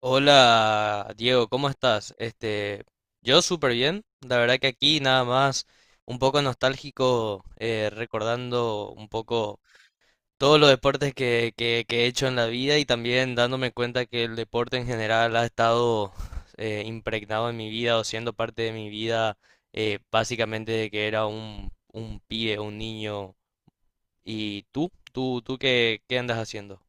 Hola Diego, ¿cómo estás? Este, yo súper bien. La verdad que aquí nada más un poco nostálgico, recordando un poco todos los deportes que he hecho en la vida y también dándome cuenta que el deporte en general ha estado impregnado en mi vida o siendo parte de mi vida básicamente de que era un pibe, un niño. ¿Y tú? ¿Tú qué andas haciendo?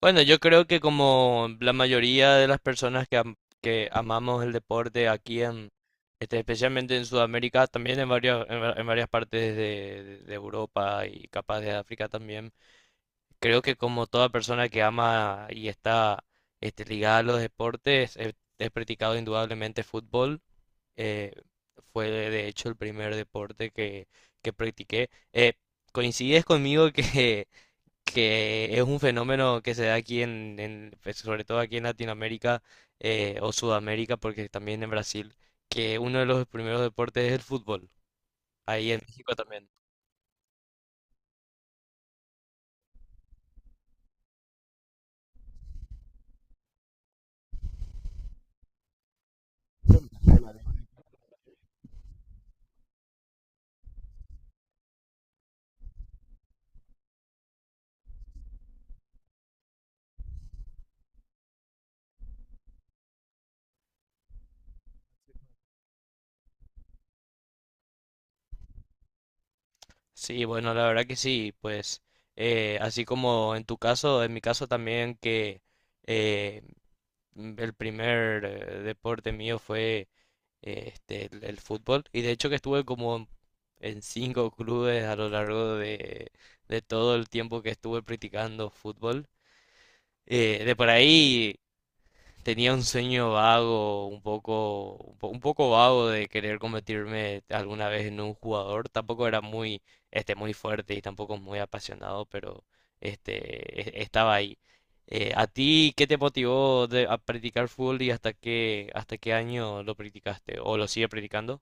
Bueno, yo creo que como la mayoría de las personas que amamos el deporte aquí en, este, especialmente en Sudamérica, también en varias, en varias partes de Europa y capaz de África también, creo que como toda persona que ama y está este, ligada a los deportes, he practicado indudablemente fútbol. eh, fue de hecho el primer deporte que practiqué. ¿Coincides conmigo que... que es un fenómeno que se da aquí pues, sobre todo aquí en Latinoamérica o Sudamérica, porque también en Brasil, que uno de los primeros deportes es el fútbol, ahí en México también. Sí, bueno, la verdad que sí, pues así como en tu caso, en mi caso también que eh, el primer deporte mío fue este, el fútbol. Y de hecho que estuve como en cinco clubes a lo largo de todo el tiempo que estuve practicando fútbol. De por ahí tenía un sueño vago, un poco vago de querer convertirme alguna vez en un jugador. Tampoco era muy, este, muy fuerte y tampoco muy apasionado, pero este, estaba ahí. ¿A ti qué te motivó a practicar fútbol y hasta qué año lo practicaste o lo sigues practicando?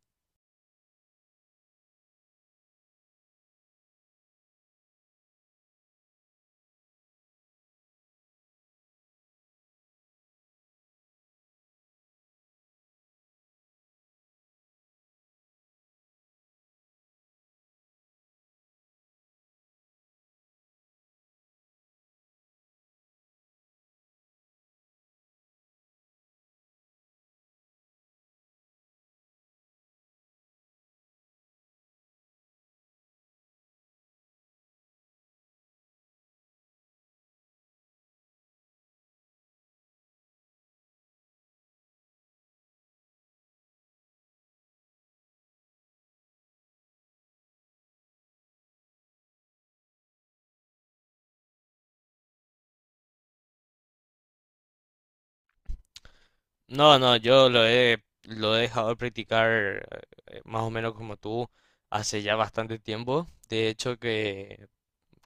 No, no, yo lo he dejado de practicar más o menos como tú hace ya bastante tiempo. De hecho que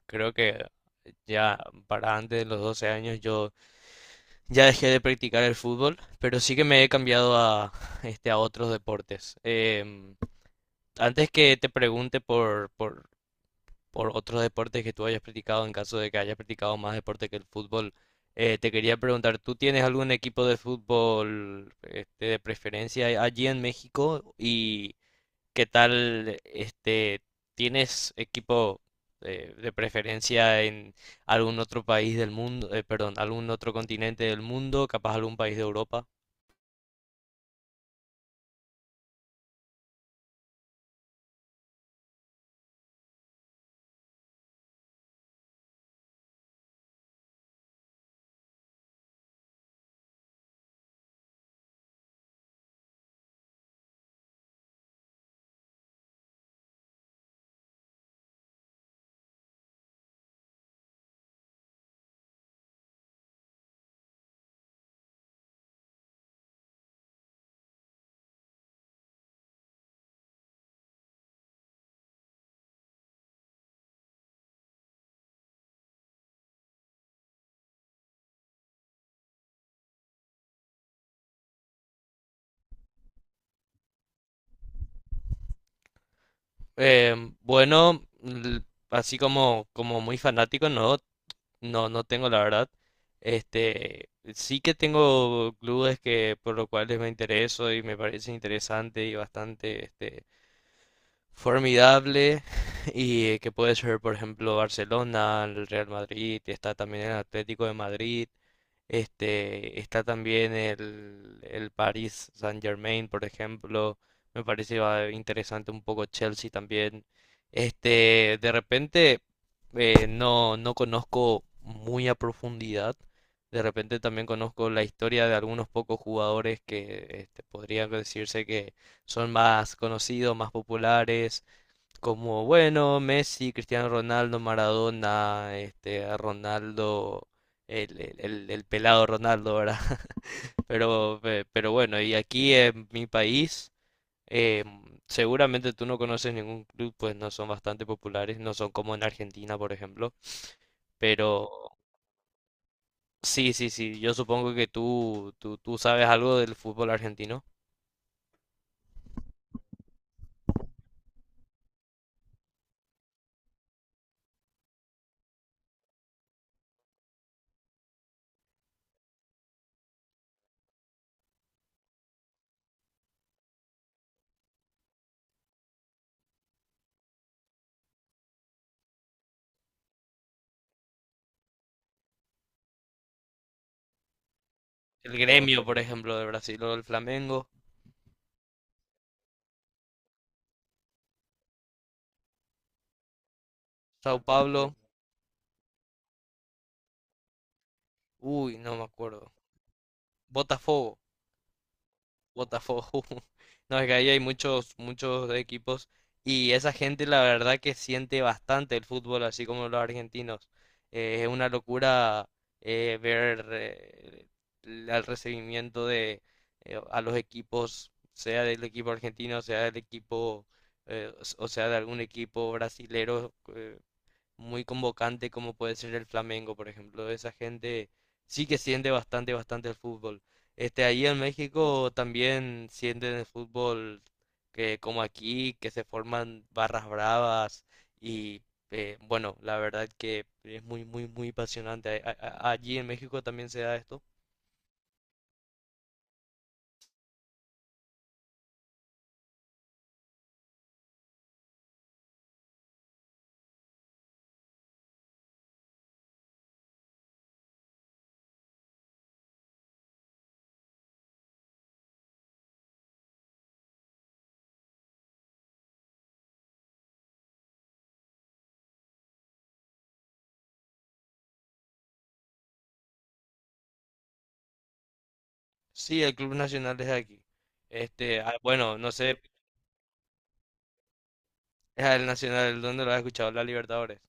creo que ya para antes de los 12 años yo ya dejé de practicar el fútbol, pero sí que me he cambiado a, este, a otros deportes. Em, antes que te pregunte por otros deportes que tú hayas practicado, en caso de que hayas practicado más deporte que el fútbol. Te quería preguntar, ¿tú tienes algún equipo de fútbol este, de preferencia allí en México? ¿Y qué tal, este, tienes equipo de preferencia en algún otro país del mundo, perdón, algún otro continente del mundo, capaz algún país de Europa? Em, bueno, así como muy fanático, ¿no? No, no tengo la verdad. Este, sí que tengo clubes que por los cuales me intereso y me parece interesante y bastante este formidable y que puede ser, por ejemplo, Barcelona, el Real Madrid, está también el Atlético de Madrid. Este, está también el Paris Saint-Germain, por ejemplo. Me parece interesante un poco Chelsea también. Este, de repente no, no conozco muy a profundidad. De repente también conozco la historia de algunos pocos jugadores que este, podrían decirse que son más conocidos, más populares como bueno, Messi, Cristiano Ronaldo, Maradona, este, Ronaldo, el pelado Ronaldo, ¿verdad? Pero bueno, y aquí en mi país, eh, seguramente tú no conoces ningún club, pues no son bastante populares, no son como en Argentina, por ejemplo, pero sí, sí, sí, yo supongo que tú sabes algo del fútbol argentino. El Gremio, por ejemplo, de Brasil, o el Flamengo, Sao Paulo, uy, no me acuerdo, Botafogo. Botafogo. No, es que ahí hay muchos, muchos equipos y esa gente la verdad que siente bastante el fútbol, así como los argentinos. Es una locura ver el recibimiento de a los equipos, sea del equipo argentino, sea del equipo, o sea de algún equipo brasilero. Muy convocante como puede ser el Flamengo, por ejemplo. Esa gente sí que siente bastante, bastante el fútbol. Este, ahí en México también sienten el fútbol que como aquí, que se forman barras bravas y bueno, la verdad que es muy, muy, muy apasionante. Allí en México también se da esto. Sí, el Club Nacional es de aquí. Este, ah, bueno, no sé, es el Nacional. ¿Dónde lo has escuchado? La Libertadores.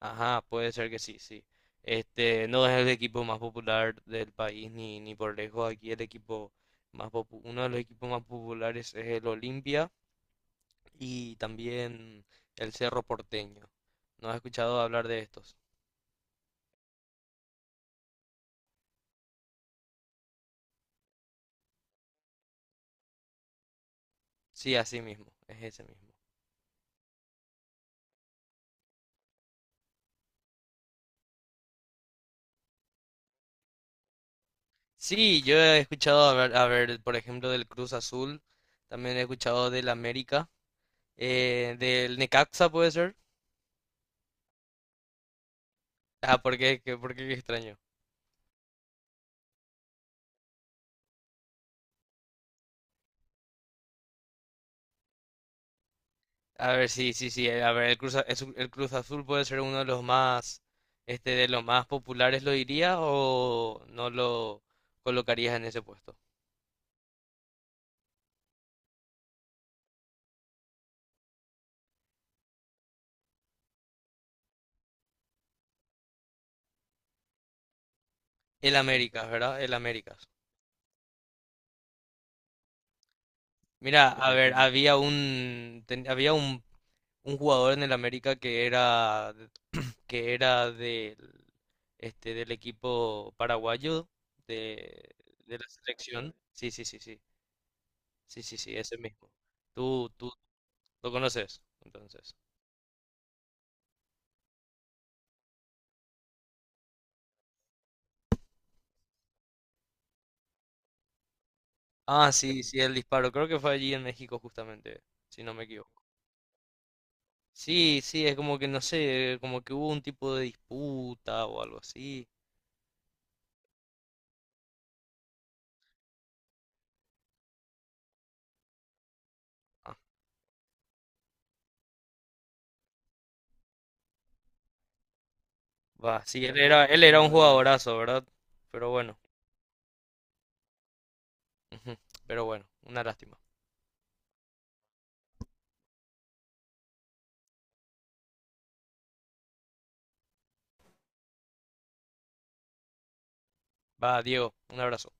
Ajá, puede ser que sí, sí. Este, no es el equipo más popular del país ni por lejos. Aquí el equipo uno de los equipos más populares es el Olimpia y también el Cerro Porteño. ¿No has escuchado hablar de estos? Sí, así mismo, es ese mismo. Sí, yo he escuchado hablar, a ver, por ejemplo, del Cruz Azul, también he escuchado del América, del Necaxa puede ser. Ah, ¿por qué? ¿Por qué qué extraño? A ver, sí, sí, sí. A ver, el Cruz Azul puede ser uno de los más, este, de los más populares, ¿lo dirías, o no lo colocarías en ese puesto? El Américas, ¿verdad? El Américas. Mira, a ver, había un jugador en el América que era del, este, del equipo paraguayo de, de la selección. Sí, sí, sí, sí. Sí, sí, sí, ese mismo. Tú lo conoces, entonces. Ah, sí, sí, el disparo. Creo que fue allí en México justamente, si no me equivoco. Sí, sí, es como que no sé, como que hubo un tipo de disputa o algo así. Ah, va, sí, él era un jugadorazo, ¿verdad? Pero bueno, ujú, pero bueno, una lástima. Va, Diego, un abrazo.